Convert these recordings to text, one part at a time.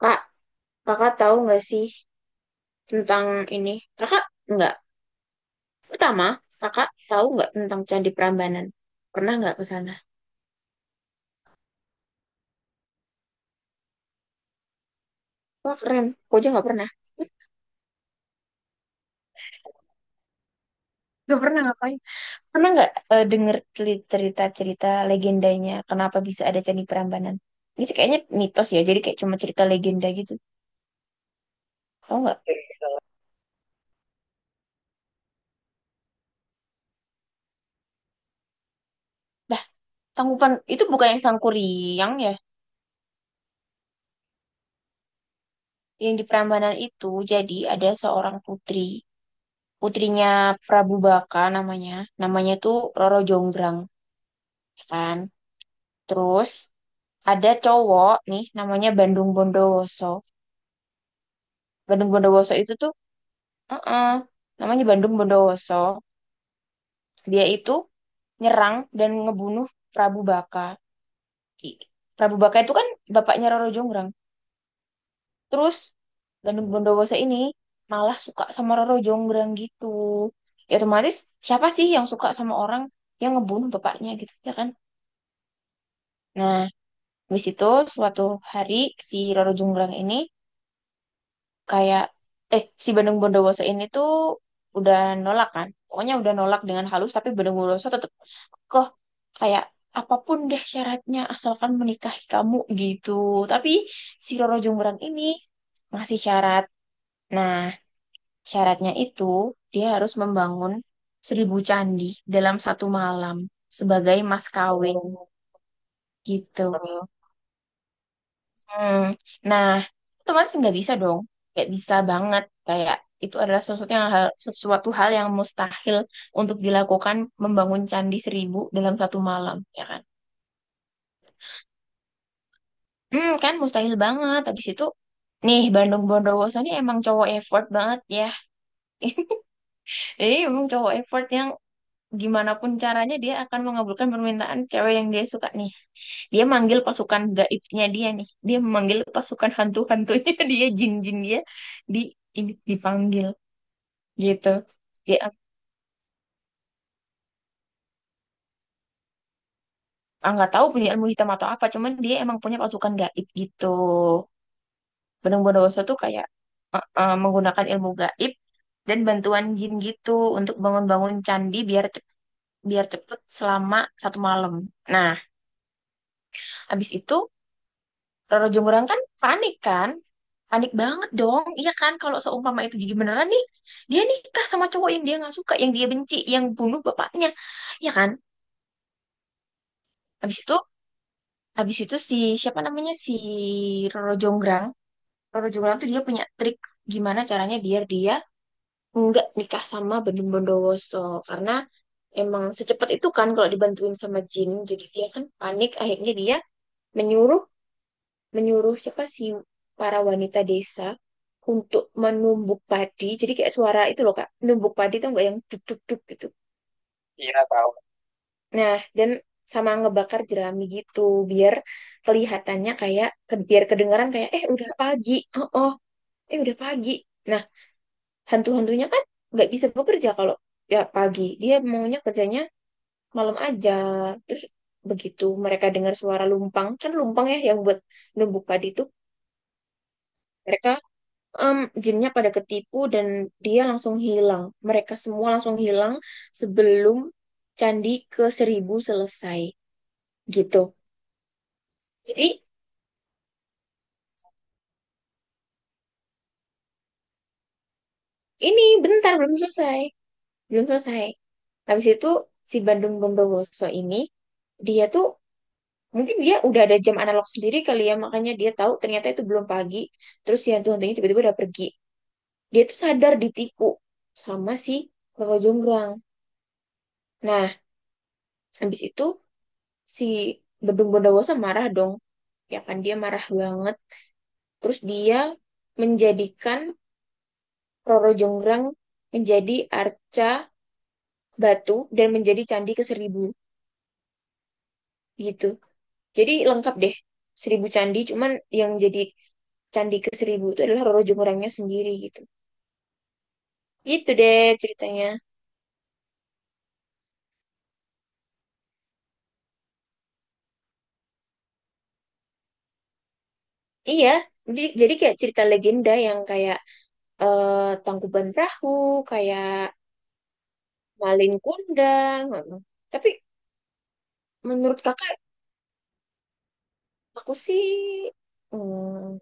Kak, kakak tahu nggak sih tentang ini? Kakak nggak. Pertama, kakak tahu nggak tentang Candi Prambanan? Pernah nggak ke sana? Wah keren. Aku aja nggak pernah. Gak pernah ngapain. Pernah nggak denger cerita-cerita legendanya? Kenapa bisa ada Candi Prambanan? Ini sih kayaknya mitos ya. Jadi kayak cuma cerita legenda gitu. Tahu nggak? Dah, Tangkuban itu bukan yang Sangkuriang ya. Yang di Prambanan itu jadi ada seorang putri. Putrinya Prabu Baka namanya. Namanya tuh Roro Jonggrang, ya kan? Terus ada cowok nih namanya Bandung Bondowoso. Bandung Bondowoso itu tuh eh-eh, namanya Bandung Bondowoso. Dia itu nyerang dan ngebunuh Prabu Baka. I- Prabu Baka itu kan bapaknya Roro Jonggrang. Terus Bandung Bondowoso ini malah suka sama Roro Jonggrang gitu. Ya otomatis siapa sih yang suka sama orang yang ngebunuh bapaknya gitu, ya kan? Nah, habis itu suatu hari si Roro Jonggrang ini kayak si Bandung Bondowoso ini tuh udah nolak kan, pokoknya udah nolak dengan halus tapi Bandung Bondowoso tetap kok kayak apapun deh syaratnya asalkan menikahi kamu gitu. Tapi si Roro Jonggrang ini masih syarat, nah syaratnya itu dia harus membangun seribu candi dalam satu malam sebagai mas kawin gitu. Hmm. Nah, otomatis nggak bisa dong. Nggak bisa banget. Kayak itu adalah sesuatu hal yang mustahil untuk dilakukan, membangun candi seribu dalam satu malam, ya kan? Hmm, kan mustahil banget. Habis itu, nih Bandung Bondowoso ini emang cowok effort banget ya. Jadi emang cowok effort yang gimana pun caranya dia akan mengabulkan permintaan cewek yang dia suka nih. Dia manggil pasukan gaibnya dia nih. Dia memanggil pasukan hantu-hantunya dia, jin-jin dia di ini dipanggil gitu. Dia nggak tahu punya ilmu hitam atau apa, cuman dia emang punya pasukan gaib gitu. Benang Bondowoso tuh kayak menggunakan ilmu gaib dan bantuan jin gitu untuk bangun-bangun candi biar biar cepet selama satu malam. Nah, habis itu Roro Jonggrang kan? Panik banget dong. Iya kan kalau seumpama itu jadi beneran nih, dia nikah sama cowok yang dia nggak suka, yang dia benci, yang bunuh bapaknya, ya kan? Habis itu, habis itu si siapa namanya si Roro Jonggrang. Roro Jonggrang tuh dia punya trik gimana caranya biar dia nggak nikah sama Bandung Bondowoso karena emang secepat itu kan kalau dibantuin sama jin. Jadi dia kan panik, akhirnya dia menyuruh menyuruh siapa sih, para wanita desa untuk menumbuk padi. Jadi kayak suara itu loh Kak, menumbuk padi tau nggak yang duk duk duk gitu. Iya tahu. Nah, dan sama ngebakar jerami gitu biar kelihatannya kayak biar kedengaran kayak udah pagi. Oh, oh, udah pagi. Nah, hantu-hantunya kan nggak bisa bekerja kalau ya pagi. Dia maunya kerjanya malam aja. Terus begitu mereka dengar suara lumpang, kan lumpang ya yang buat numbuk padi itu, mereka em, jinnya pada ketipu dan dia langsung hilang. Mereka semua langsung hilang sebelum candi ke seribu selesai gitu. Jadi ini bentar belum selesai, belum selesai. Habis itu si Bandung Bondowoso ini dia tuh mungkin dia udah ada jam analog sendiri kali ya, makanya dia tahu ternyata itu belum pagi. Terus si hantu-hantunya tiba-tiba udah pergi. Dia tuh sadar ditipu sama si Roro Jonggrang. Nah, habis itu si Bandung Bondowoso marah dong ya kan, dia marah banget terus dia menjadikan Roro Jonggrang menjadi arca batu dan menjadi candi ke seribu gitu, jadi lengkap deh seribu candi, cuman yang jadi candi ke seribu itu adalah Roro Jonggrangnya sendiri gitu. Gitu deh ceritanya. Iya, jadi kayak cerita legenda yang kayak eh, Tangkuban Perahu, kayak Malin Kundang gitu. Tapi menurut kakak, aku sih hmm,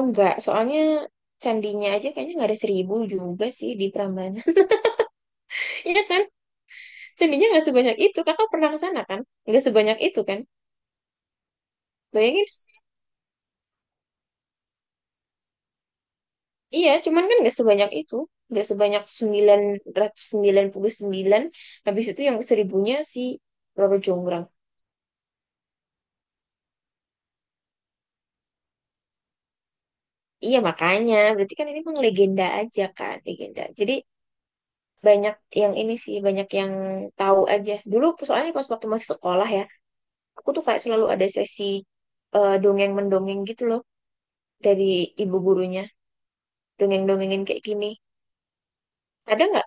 enggak, soalnya candinya aja kayaknya nggak ada seribu juga sih di Prambanan. Iya kan? Candinya nggak sebanyak itu. Kakak pernah ke sana kan? Nggak sebanyak itu kan? Bayangin, iya, cuman kan nggak sebanyak itu. Nggak sebanyak sembilan sembilan ratus sembilan puluh sembilan. Habis itu yang seribunya si Robert Jonggrang. Iya, makanya. Berarti kan ini emang legenda aja kan? Legenda. Jadi banyak yang ini sih, banyak yang tahu aja. Dulu soalnya pas waktu masih sekolah ya, aku tuh kayak selalu ada sesi dongeng-mendongeng gitu loh dari ibu gurunya, dongeng-dongengin kayak gini. Ada nggak.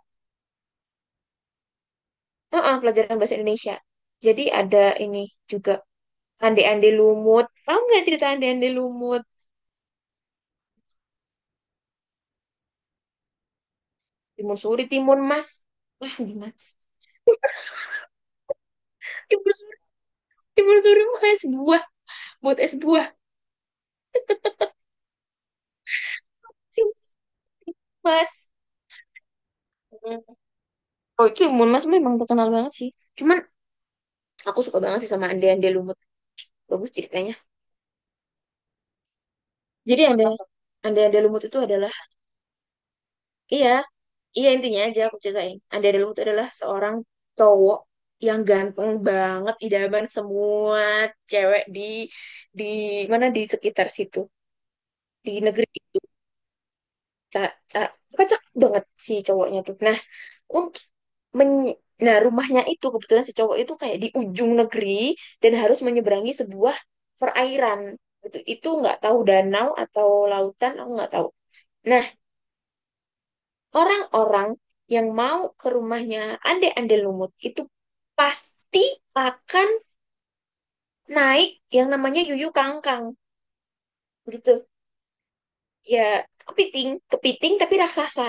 Heeh, pelajaran bahasa Indonesia, jadi ada ini juga ande-ande lumut, tahu nggak cerita ande-ande lumut? Timun suri, timun mas. Wah gimana. Timun suri, timun suri mas buah, buat es buah. Timun mas. Hmm. Oh itu timun mas memang terkenal banget sih, cuman aku suka banget sih sama ande-ande lumut. Bagus ceritanya. Jadi ada ande-ande lumut itu adalah, iya, iya intinya aja aku ceritain. Ade Delung itu adalah seorang cowok yang ganteng banget, idaman semua cewek di di mana di sekitar situ, di negeri itu. Ca- ca- Kocak banget si cowoknya tuh. Nah, untuk men- nah rumahnya itu kebetulan si cowok itu kayak di ujung negeri dan harus menyeberangi sebuah perairan. Itu nggak tahu danau atau lautan, aku nggak tahu. Nah, orang-orang yang mau ke rumahnya Ande-Ande Lumut itu pasti akan naik yang namanya Yuyu Kangkang gitu. Ya, kepiting, kepiting tapi raksasa.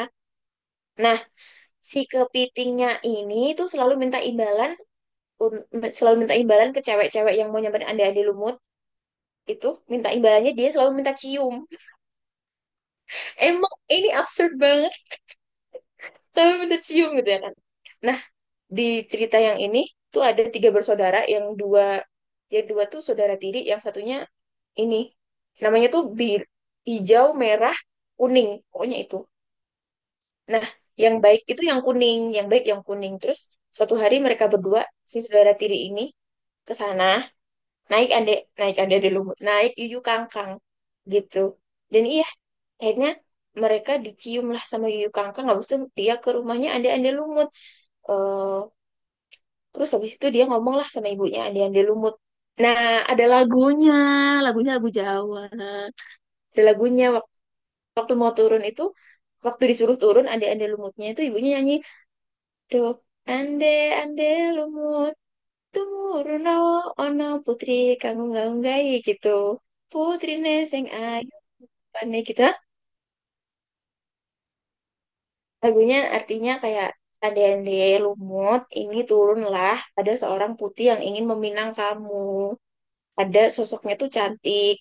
Nah, si kepitingnya ini tuh selalu minta imbalan, selalu minta imbalan ke cewek-cewek yang mau nyamperin Ande-Ande Lumut itu. Minta imbalannya dia selalu minta cium. Emang ini absurd banget, selalu minta cium gitu ya kan. Nah, di cerita yang ini tuh ada tiga bersaudara yang dua, ya dua tuh saudara tiri, yang satunya ini namanya tuh bir hijau merah kuning, pokoknya itu. Nah yang baik itu yang kuning, yang baik yang kuning. Terus suatu hari mereka berdua, si saudara tiri ini, ke sana, naik ande, naik ande di lumut, naik yuyu kangkang gitu. Dan iya, akhirnya mereka dicium lah sama yuyu kangkang. Habis itu dia ke rumahnya ande ande lumut eh terus habis itu dia ngomong lah sama ibunya Andi-Andi Lumut. Nah, ada lagunya, lagunya lagu Jawa. Ada lagunya waktu mau turun itu, waktu disuruh turun Andi-Andi Lumutnya itu ibunya nyanyi, do ande ande lumut turun oh, ono putri kamu nggak unggahi gitu. Putri neseng ayu pane gitu. Lagunya artinya kayak ande-ande lumut, ini turunlah ada seorang putri yang ingin meminang kamu. Ada sosoknya tuh cantik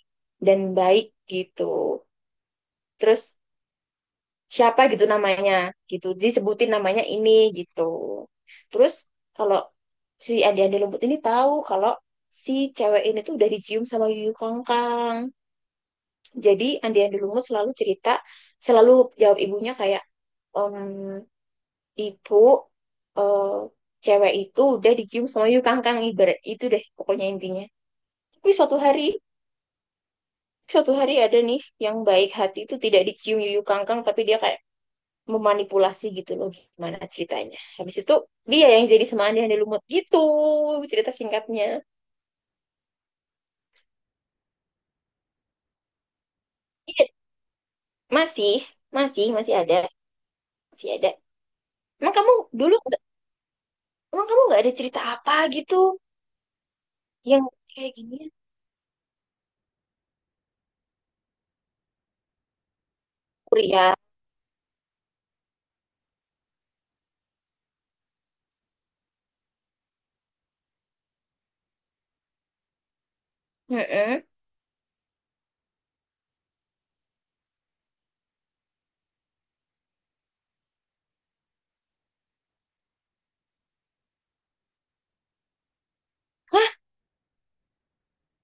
dan baik gitu. Terus siapa gitu namanya gitu, disebutin namanya ini gitu. Terus kalau si Ade-Ade Lembut ini tahu kalau si cewek ini tuh udah dicium sama Yuyu Kangkang. Jadi Ade-Ade Lembut selalu cerita, selalu jawab ibunya kayak, "Em, ibu, eh, cewek itu udah dicium sama Yuyu Kangkang, ibarat itu deh pokoknya intinya. Tapi suatu hari Suatu hari ada nih yang baik hati itu tidak dicium yuyu kangkang, tapi dia kayak memanipulasi gitu loh gimana ceritanya. Habis itu dia yang jadi semandai yang lumut gitu cerita singkatnya. Iya, masih, masih, masih ada, masih ada. Emang kamu dulu nggak, emang kamu nggak ada cerita apa gitu yang kayak gini? Kuria. Heeh. Hah,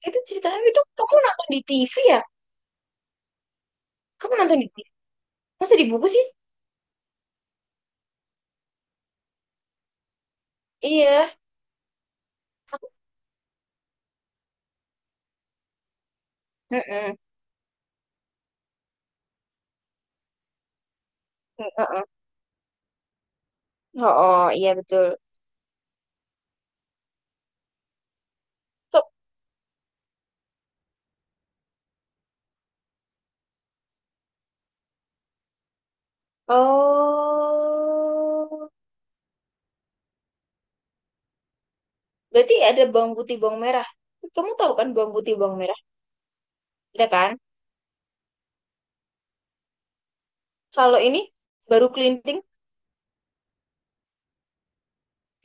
itu ceritanya itu kamu nonton di TV ya? Kamu nonton di TV? Masa di buku sih? Iya. Aku- Heeh. Heeh. Oh, oh, iya betul. So, oh, berarti ada bawang putih, bawang merah. Kamu tahu kan bawang putih, bawang merah? Ada kan? Kalau ini baru kelinting,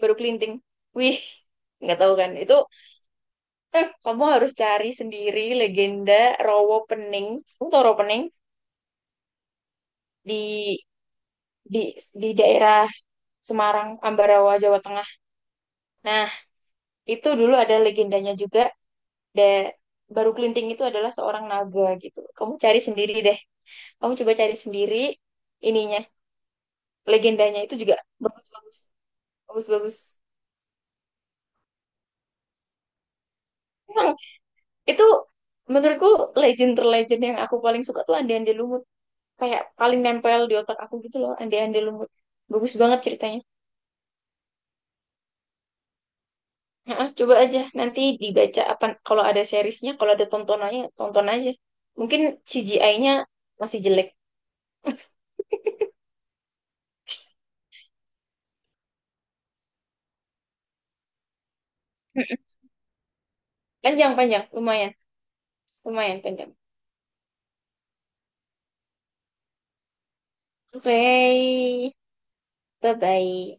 baru kelinting. Wih, nggak tahu kan? Itu kamu harus cari sendiri legenda Rowo Pening. Kamu tahu Rowo Pening di di di daerah Semarang, Ambarawa, Jawa Tengah. Nah, itu dulu ada legendanya juga. Da, baru kelinting itu adalah seorang naga gitu. Kamu cari sendiri deh. Kamu coba cari sendiri ininya, legendanya itu juga bagus-bagus bagus-bagus. Emang itu, menurutku legend terlegend yang aku paling suka tuh Andi Andi Lumut, kayak paling nempel di otak aku gitu loh Andi Andi Lumut, bagus banget ceritanya. Heeh, coba aja nanti dibaca apa kalau ada seriesnya, kalau ada tontonannya tonton aja, mungkin CGI-nya masih jelek. Panjang, panjang lumayan, lumayan panjang. Oke, bye bye.